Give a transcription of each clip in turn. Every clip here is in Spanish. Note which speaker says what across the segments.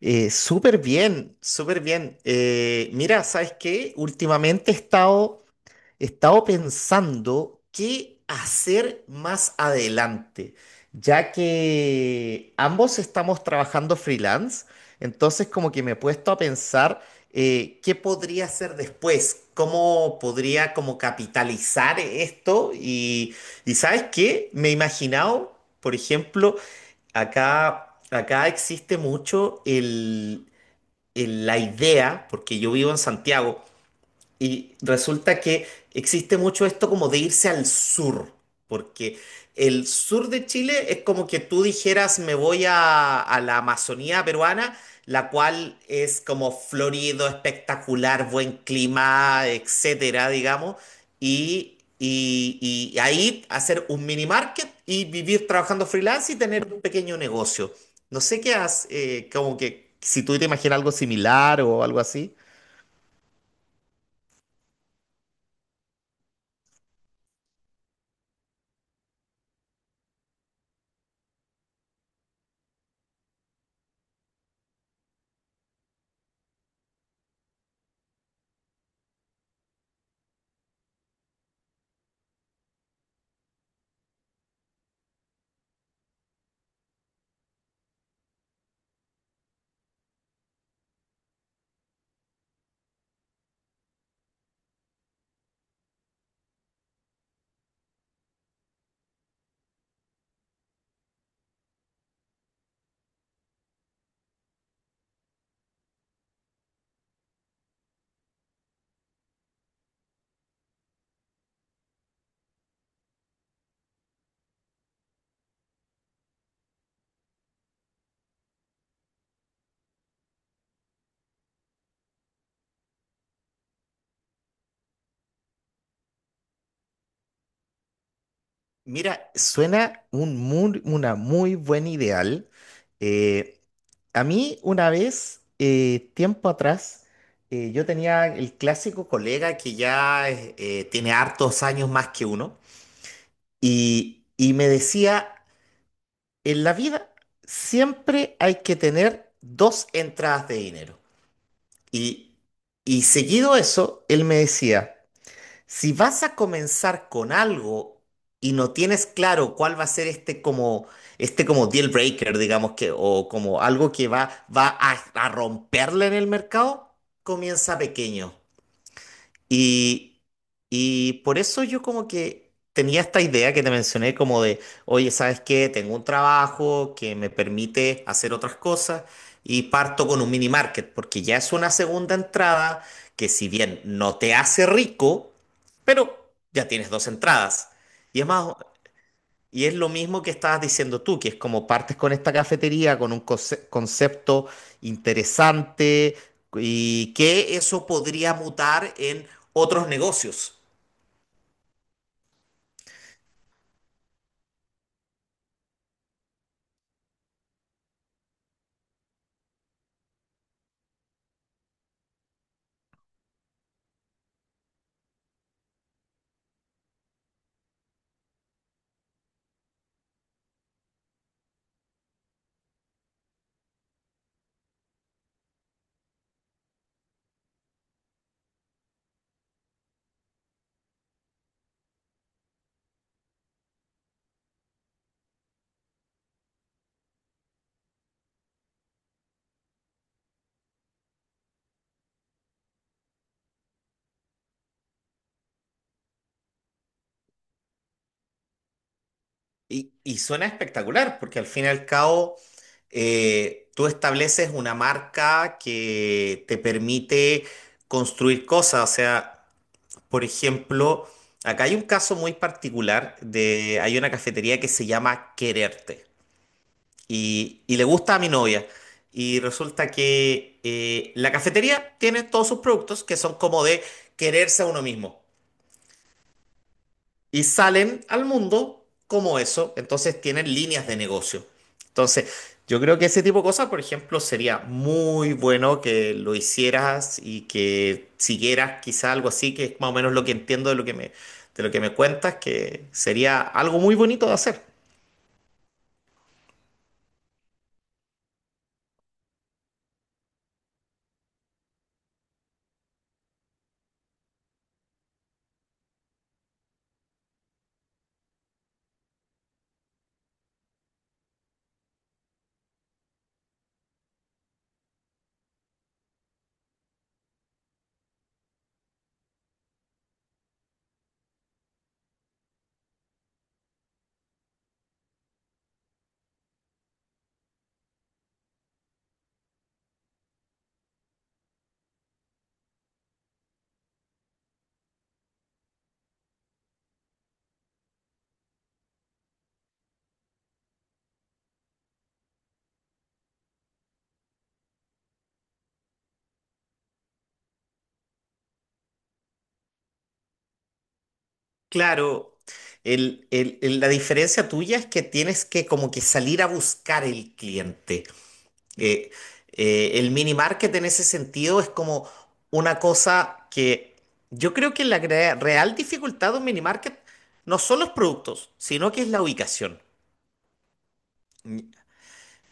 Speaker 1: Súper bien, súper bien. Mira, ¿sabes qué? Últimamente he estado pensando qué hacer más adelante, ya que ambos estamos trabajando freelance, entonces como que me he puesto a pensar qué podría hacer después, cómo podría como capitalizar esto y ¿sabes qué? Me he imaginado, por ejemplo, acá... Acá. Existe mucho el la idea, porque yo vivo en Santiago, y resulta que existe mucho esto como de irse al sur, porque el sur de Chile es como que tú dijeras me voy a la Amazonía peruana, la cual es como florido, espectacular, buen clima, etcétera, digamos, y ahí hacer un mini market y vivir trabajando freelance y tener un pequeño negocio. No sé qué haces, como que si tú te imaginas algo similar o algo así. Mira, suena una muy buen ideal. Eh, a mí una vez, tiempo atrás, yo tenía el clásico colega que tiene hartos años más que uno y me decía, en la vida siempre hay que tener dos entradas de dinero. Y, y seguido eso, él me decía, si vas a comenzar con algo y no tienes claro cuál va a ser este como deal breaker, digamos que o como algo que va a romperle en el mercado, comienza pequeño. Y, y por eso yo como que tenía esta idea que te mencioné como de, oye, ¿sabes qué? Tengo un trabajo que me permite hacer otras cosas y parto con un mini market, porque ya es una segunda entrada que si bien no te hace rico, pero ya tienes dos entradas. Y es más, y es lo mismo que estabas diciendo tú, que es como partes con esta cafetería, con concepto interesante y que eso podría mutar en otros negocios. Y suena espectacular, porque al fin y al cabo tú estableces una marca que te permite construir cosas. O sea, por ejemplo, acá hay un caso muy particular de, hay una cafetería que se llama Quererte . Y le gusta a mi novia. Y resulta que la cafetería tiene todos sus productos que son como de quererse a uno mismo. Y salen al mundo como eso, entonces tienen líneas de negocio. Entonces, yo creo que ese tipo de cosas, por ejemplo, sería muy bueno que lo hicieras y que siguieras quizá algo así, que es más o menos lo que entiendo de lo que me, cuentas, que sería algo muy bonito de hacer. Claro, la diferencia tuya es que tienes que como que salir a buscar el cliente. Eh, el mini market en ese sentido es como una cosa que yo creo que real dificultad de un mini market no son los productos, sino que es la ubicación. Mm,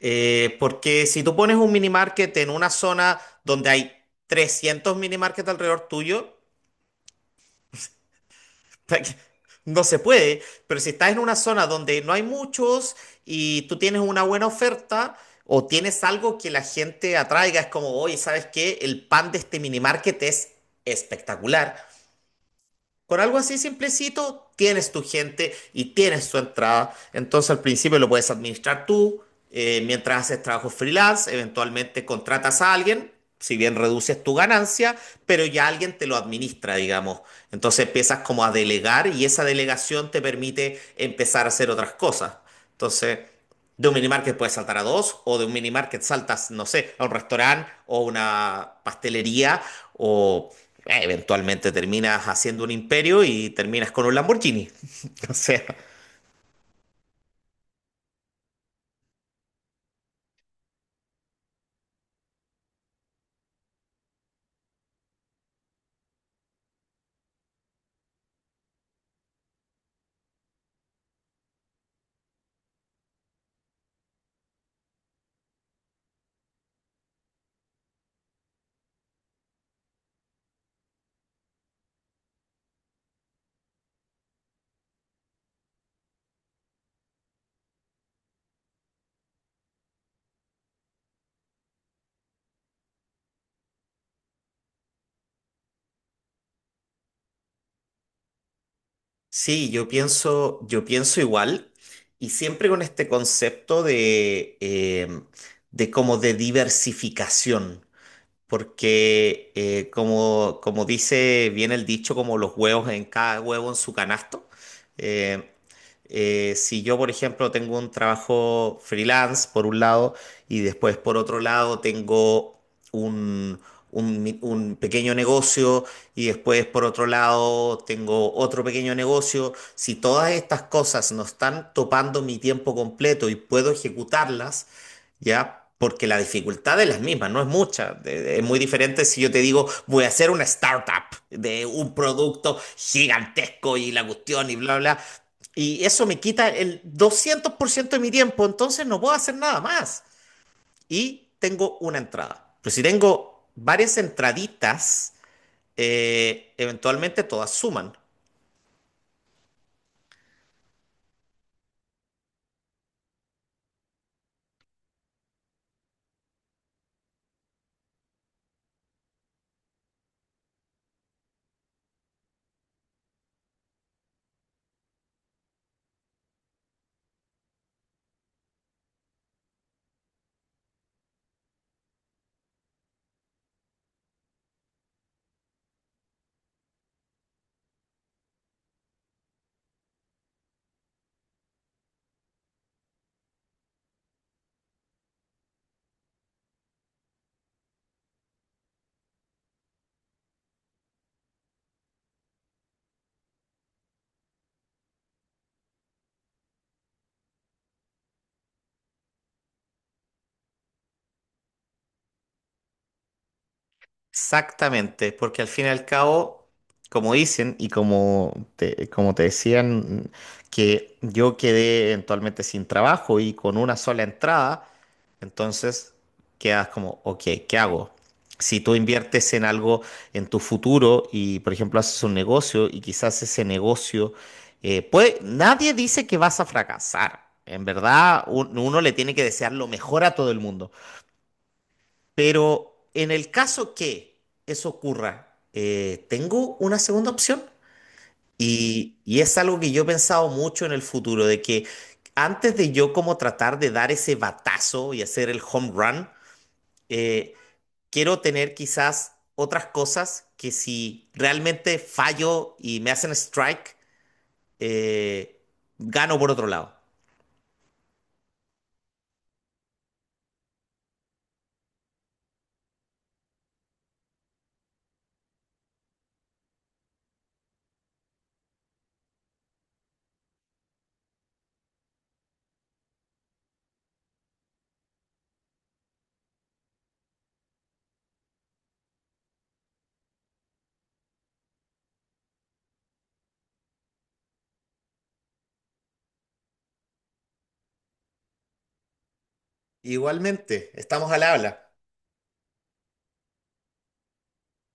Speaker 1: Porque si tú pones un mini market en una zona donde hay 300 mini market alrededor tuyo. No se puede, pero si estás en una zona donde no hay muchos y tú tienes una buena oferta o tienes algo que la gente atraiga, es como, oye, ¿sabes qué? El pan de este minimarket es espectacular. Con algo así simplecito, tienes tu gente y tienes tu entrada. Entonces al principio lo puedes administrar tú, mientras haces trabajo freelance, eventualmente contratas a alguien, si bien reduces tu ganancia, pero ya alguien te lo administra, digamos. Entonces empiezas como a delegar y esa delegación te permite empezar a hacer otras cosas. Entonces, de un minimarket puedes saltar a dos, o de un minimarket saltas, no sé, a un restaurante o una pastelería o eventualmente terminas haciendo un imperio y terminas con un Lamborghini. O sea, sí, yo pienso igual y siempre con este concepto de como de diversificación. Porque como dice bien el dicho, como los huevos en cada huevo en su canasto, eh, si yo, por ejemplo, tengo un trabajo freelance por un lado y después por otro lado tengo un, un pequeño negocio y después por otro lado tengo otro pequeño negocio, si todas estas cosas no están topando mi tiempo completo y puedo ejecutarlas, ¿ya? Porque la dificultad es la misma, no es mucha. Es muy diferente si yo te digo, voy a hacer una startup de un producto gigantesco y la cuestión y bla, bla. Y eso me quita el 200% de mi tiempo, entonces no puedo hacer nada más. Y tengo una entrada. Pero si tengo varias entraditas, eventualmente todas suman. Exactamente, porque al fin y al cabo, como dicen y como te decían, que yo quedé eventualmente sin trabajo y con una sola entrada. Entonces, quedas como, ok, ¿qué hago? Si tú inviertes en algo en tu futuro y, por ejemplo, haces un negocio y quizás ese negocio, puede, nadie dice que vas a fracasar. En verdad, uno le tiene que desear lo mejor a todo el mundo. Pero en el caso que eso ocurra, ¿tengo una segunda opción? Y es algo que yo he pensado mucho en el futuro, de que antes de yo como tratar de dar ese batazo y hacer el home run, eh, quiero tener quizás otras cosas que si realmente fallo y me hacen strike, eh, gano por otro lado. Igualmente, estamos al habla.